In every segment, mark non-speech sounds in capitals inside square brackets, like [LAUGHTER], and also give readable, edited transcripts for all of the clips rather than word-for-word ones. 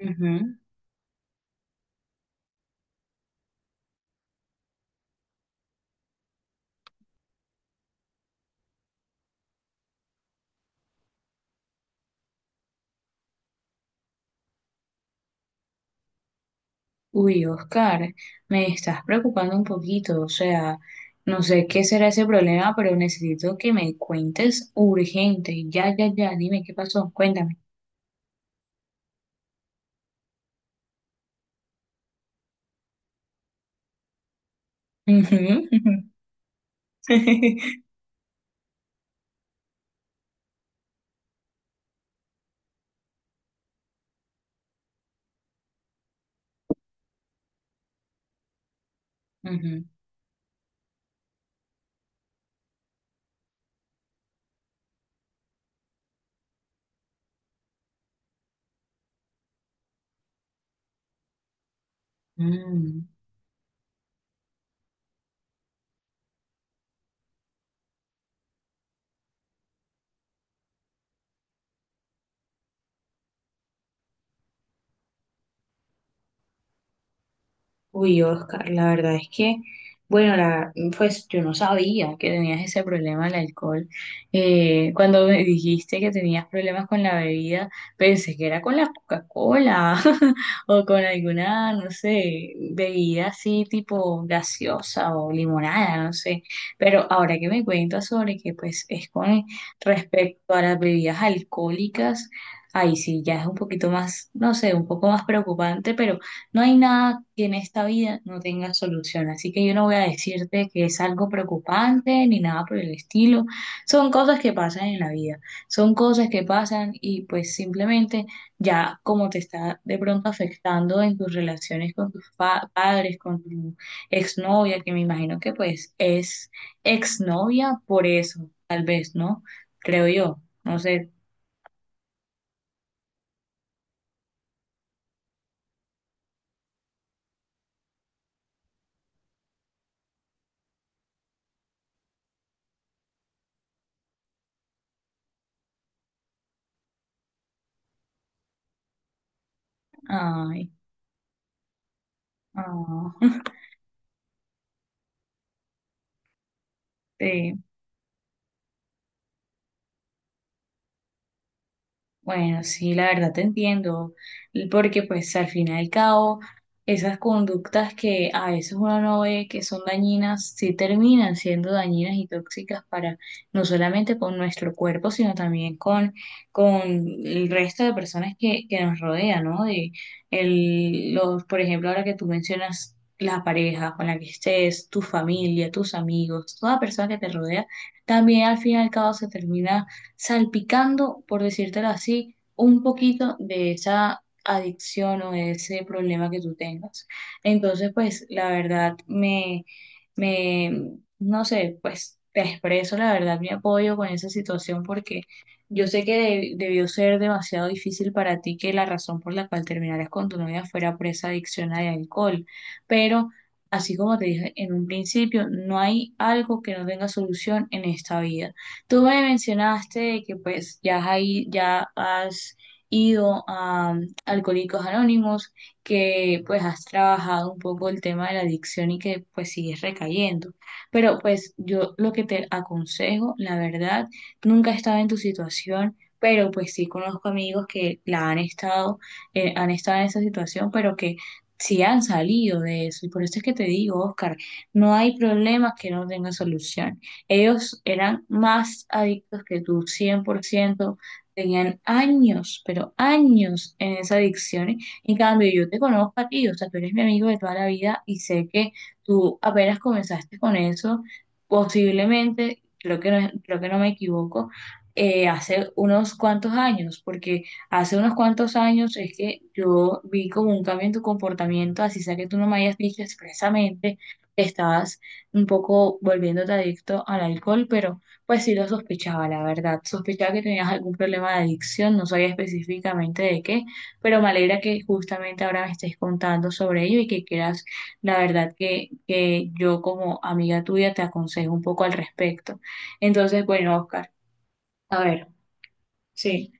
Ujú. Uy, Oscar, me estás preocupando un poquito, o sea, no sé qué será ese problema, pero necesito que me cuentes urgente. Ya, ya, ya, dime qué pasó, cuéntame. Ujú. [LAUGHS] Ujú. Mm. Uy, Oscar, la verdad es que, bueno, pues yo no sabía que tenías ese problema del alcohol. Cuando me dijiste que tenías problemas con la bebida, pensé que era con la Coca-Cola [LAUGHS] o con alguna, no sé, bebida así tipo gaseosa o limonada, no sé. Pero ahora que me cuentas sobre que pues es con respecto a las bebidas alcohólicas, ahí sí ya es un poquito más, no sé, un poco más preocupante, pero no hay nada que en esta vida no tenga solución, así que yo no voy a decirte que es algo preocupante ni nada por el estilo. Son cosas que pasan en la vida, son cosas que pasan y pues simplemente ya como te está de pronto afectando en tus relaciones con tus padres, con tu exnovia, que me imagino que pues es exnovia por eso, tal vez, ¿no? Creo yo, no sé. Ay, ah, [LAUGHS] sí. Bueno, sí, la verdad te entiendo, porque pues al fin y al cabo, esas conductas que a veces uno no ve que son dañinas, sí terminan siendo dañinas y tóxicas para no solamente con nuestro cuerpo, sino también con el resto de personas que nos rodean, ¿no? De el, los, por ejemplo, ahora que tú mencionas la pareja con la que estés, tu familia, tus amigos, toda persona que te rodea, también al fin y al cabo se termina salpicando, por decírtelo así, un poquito de esa adicción o de ese problema que tú tengas. Entonces, pues la verdad me, no sé, pues te expreso la verdad mi apoyo con esa situación porque yo sé que debió ser demasiado difícil para ti que la razón por la cual terminaras con tu novia fuera por esa adicción al alcohol, pero así como te dije en un principio, no hay algo que no tenga solución en esta vida. Tú me mencionaste de que pues ya has, ya has ido a Alcohólicos Anónimos, que pues has trabajado un poco el tema de la adicción y que pues sigues recayendo. Pero pues yo lo que te aconsejo, la verdad, nunca he estado en tu situación, pero pues sí conozco amigos que la han estado en esa situación, pero que sí han salido de eso. Y por eso es que te digo, Oscar, no hay problema que no tenga solución. Ellos eran más adictos que tú, 100% tenían años, pero años en esa adicción. En cambio, yo te conozco a ti, o sea, tú eres mi amigo de toda la vida y sé que tú apenas comenzaste con eso, posiblemente, creo que no me equivoco, hace unos cuantos años, porque hace unos cuantos años es que yo vi como un cambio en tu comportamiento, así sea que tú no me hayas dicho expresamente que estabas un poco volviéndote adicto al alcohol, pero pues sí lo sospechaba, la verdad. Sospechaba que tenías algún problema de adicción, no sabía específicamente de qué, pero me alegra que justamente ahora me estés contando sobre ello y que quieras, la verdad, que yo como amiga tuya te aconsejo un poco al respecto. Entonces, bueno, Oscar, a ver, sí.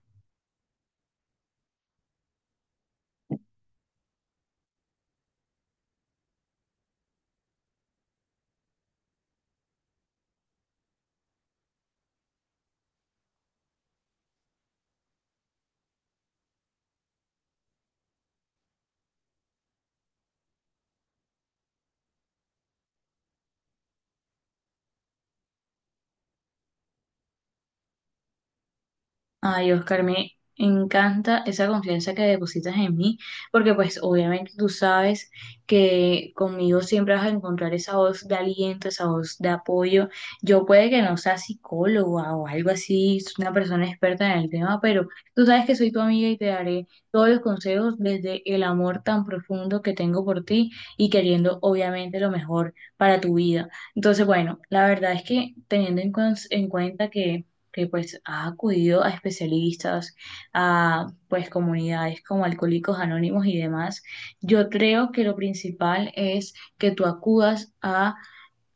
Ay, Oscar, me encanta esa confianza que depositas en mí, porque pues obviamente tú sabes que conmigo siempre vas a encontrar esa voz de aliento, esa voz de apoyo. Yo puede que no sea psicóloga o algo así, soy una persona experta en el tema, pero tú sabes que soy tu amiga y te daré todos los consejos desde el amor tan profundo que tengo por ti y queriendo obviamente lo mejor para tu vida. Entonces, bueno, la verdad es que teniendo en, en cuenta que pues ha acudido a especialistas, a pues comunidades como Alcohólicos Anónimos y demás, yo creo que lo principal es que tú acudas a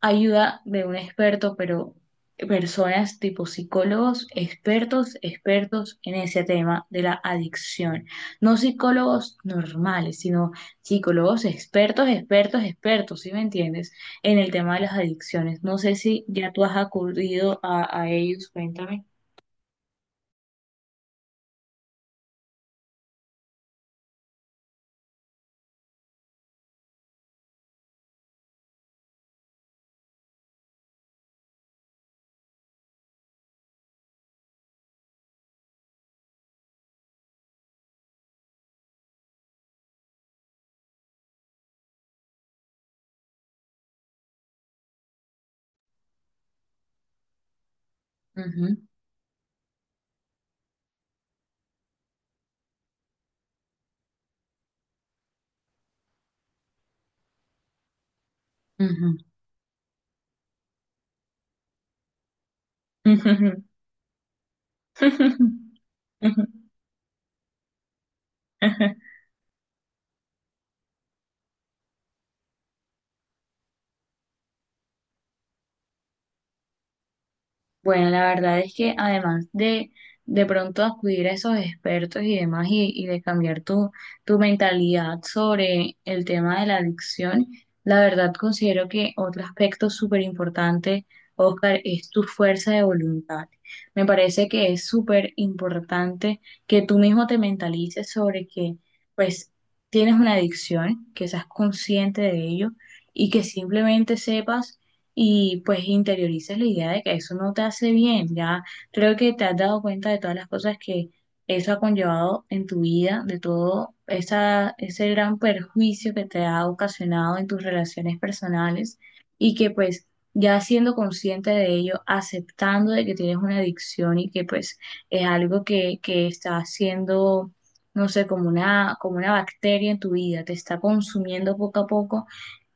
ayuda de un experto, pero personas tipo psicólogos, expertos, expertos en ese tema de la adicción. No psicólogos normales, sino psicólogos expertos, expertos, expertos, ¿sí me entiendes? En el tema de las adicciones. No sé si ya tú has acudido a ellos, cuéntame. Ujú, ujú. [LAUGHS] Ujú, ujú. Bueno, la verdad es que además de pronto acudir a esos expertos y demás y de cambiar tu mentalidad sobre el tema de la adicción, la verdad considero que otro aspecto súper importante, Oscar, es tu fuerza de voluntad. Me parece que es súper importante que tú mismo te mentalices sobre que pues tienes una adicción, que seas consciente de ello y que simplemente sepas y pues interiorices la idea de que eso no te hace bien. Ya creo que te has dado cuenta de todas las cosas que eso ha conllevado en tu vida, de todo esa, ese gran perjuicio que te ha ocasionado en tus relaciones personales y que pues ya siendo consciente de ello, aceptando de que tienes una adicción y que pues es algo que está haciendo, no sé, como una bacteria en tu vida, te está consumiendo poco a poco.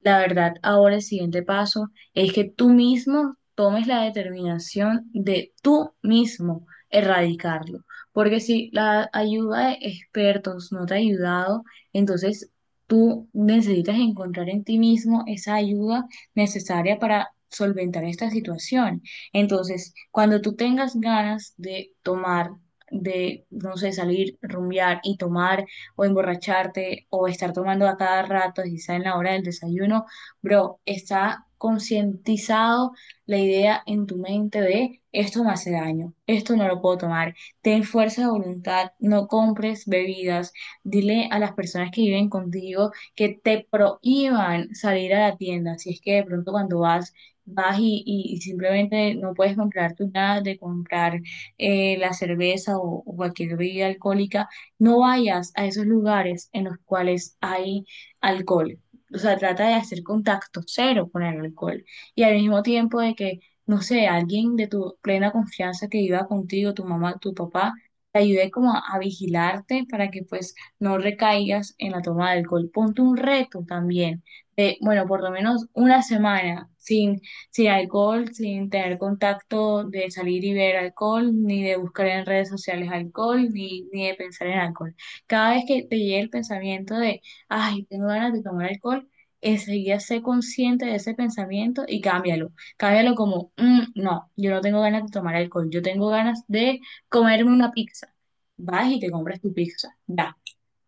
La verdad, ahora el siguiente paso es que tú mismo tomes la determinación de tú mismo erradicarlo. Porque si la ayuda de expertos no te ha ayudado, entonces tú necesitas encontrar en ti mismo esa ayuda necesaria para solventar esta situación. Entonces, cuando tú tengas ganas de tomar, de, no sé, salir, rumbear y tomar o emborracharte o estar tomando a cada rato, quizá en la hora del desayuno, bro, está concientizado la idea en tu mente de esto me hace daño, esto no lo puedo tomar. Ten fuerza de voluntad, no compres bebidas. Dile a las personas que viven contigo que te prohíban salir a la tienda. Si es que de pronto cuando vas, vas y simplemente no puedes comprar tu nada de comprar la cerveza o cualquier bebida alcohólica, no vayas a esos lugares en los cuales hay alcohol, o sea, trata de hacer contacto cero con el alcohol y al mismo tiempo de que, no sé, alguien de tu plena confianza que viva contigo, tu mamá, tu papá, te ayude como a vigilarte para que pues no recaigas en la toma de alcohol. Ponte un reto también de, bueno, por lo menos una semana sin alcohol, sin tener contacto de salir y ver alcohol, ni de buscar en redes sociales alcohol, ni de pensar en alcohol. Cada vez que te llegue el pensamiento de ay, tengo ganas de tomar alcohol, enseguida sé consciente de ese pensamiento y cámbialo. Cámbialo como, "Mm, no, yo no tengo ganas de tomar alcohol, yo tengo ganas de comerme una pizza". Vas y te compras tu pizza, ya.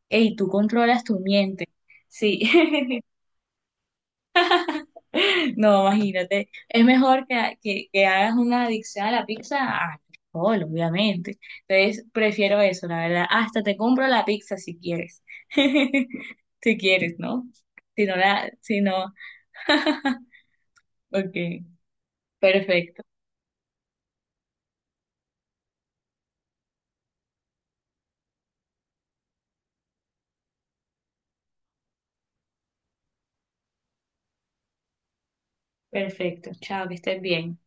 Ey, tú controlas tu miente. Sí, [LAUGHS] no, imagínate. Es mejor que, que hagas una adicción a la pizza al alcohol, obviamente. Entonces, prefiero eso, la verdad. Hasta te compro la pizza si quieres. [LAUGHS] Si quieres, ¿no? Si no la, si no, Ok, perfecto, perfecto. Chao, que estés bien.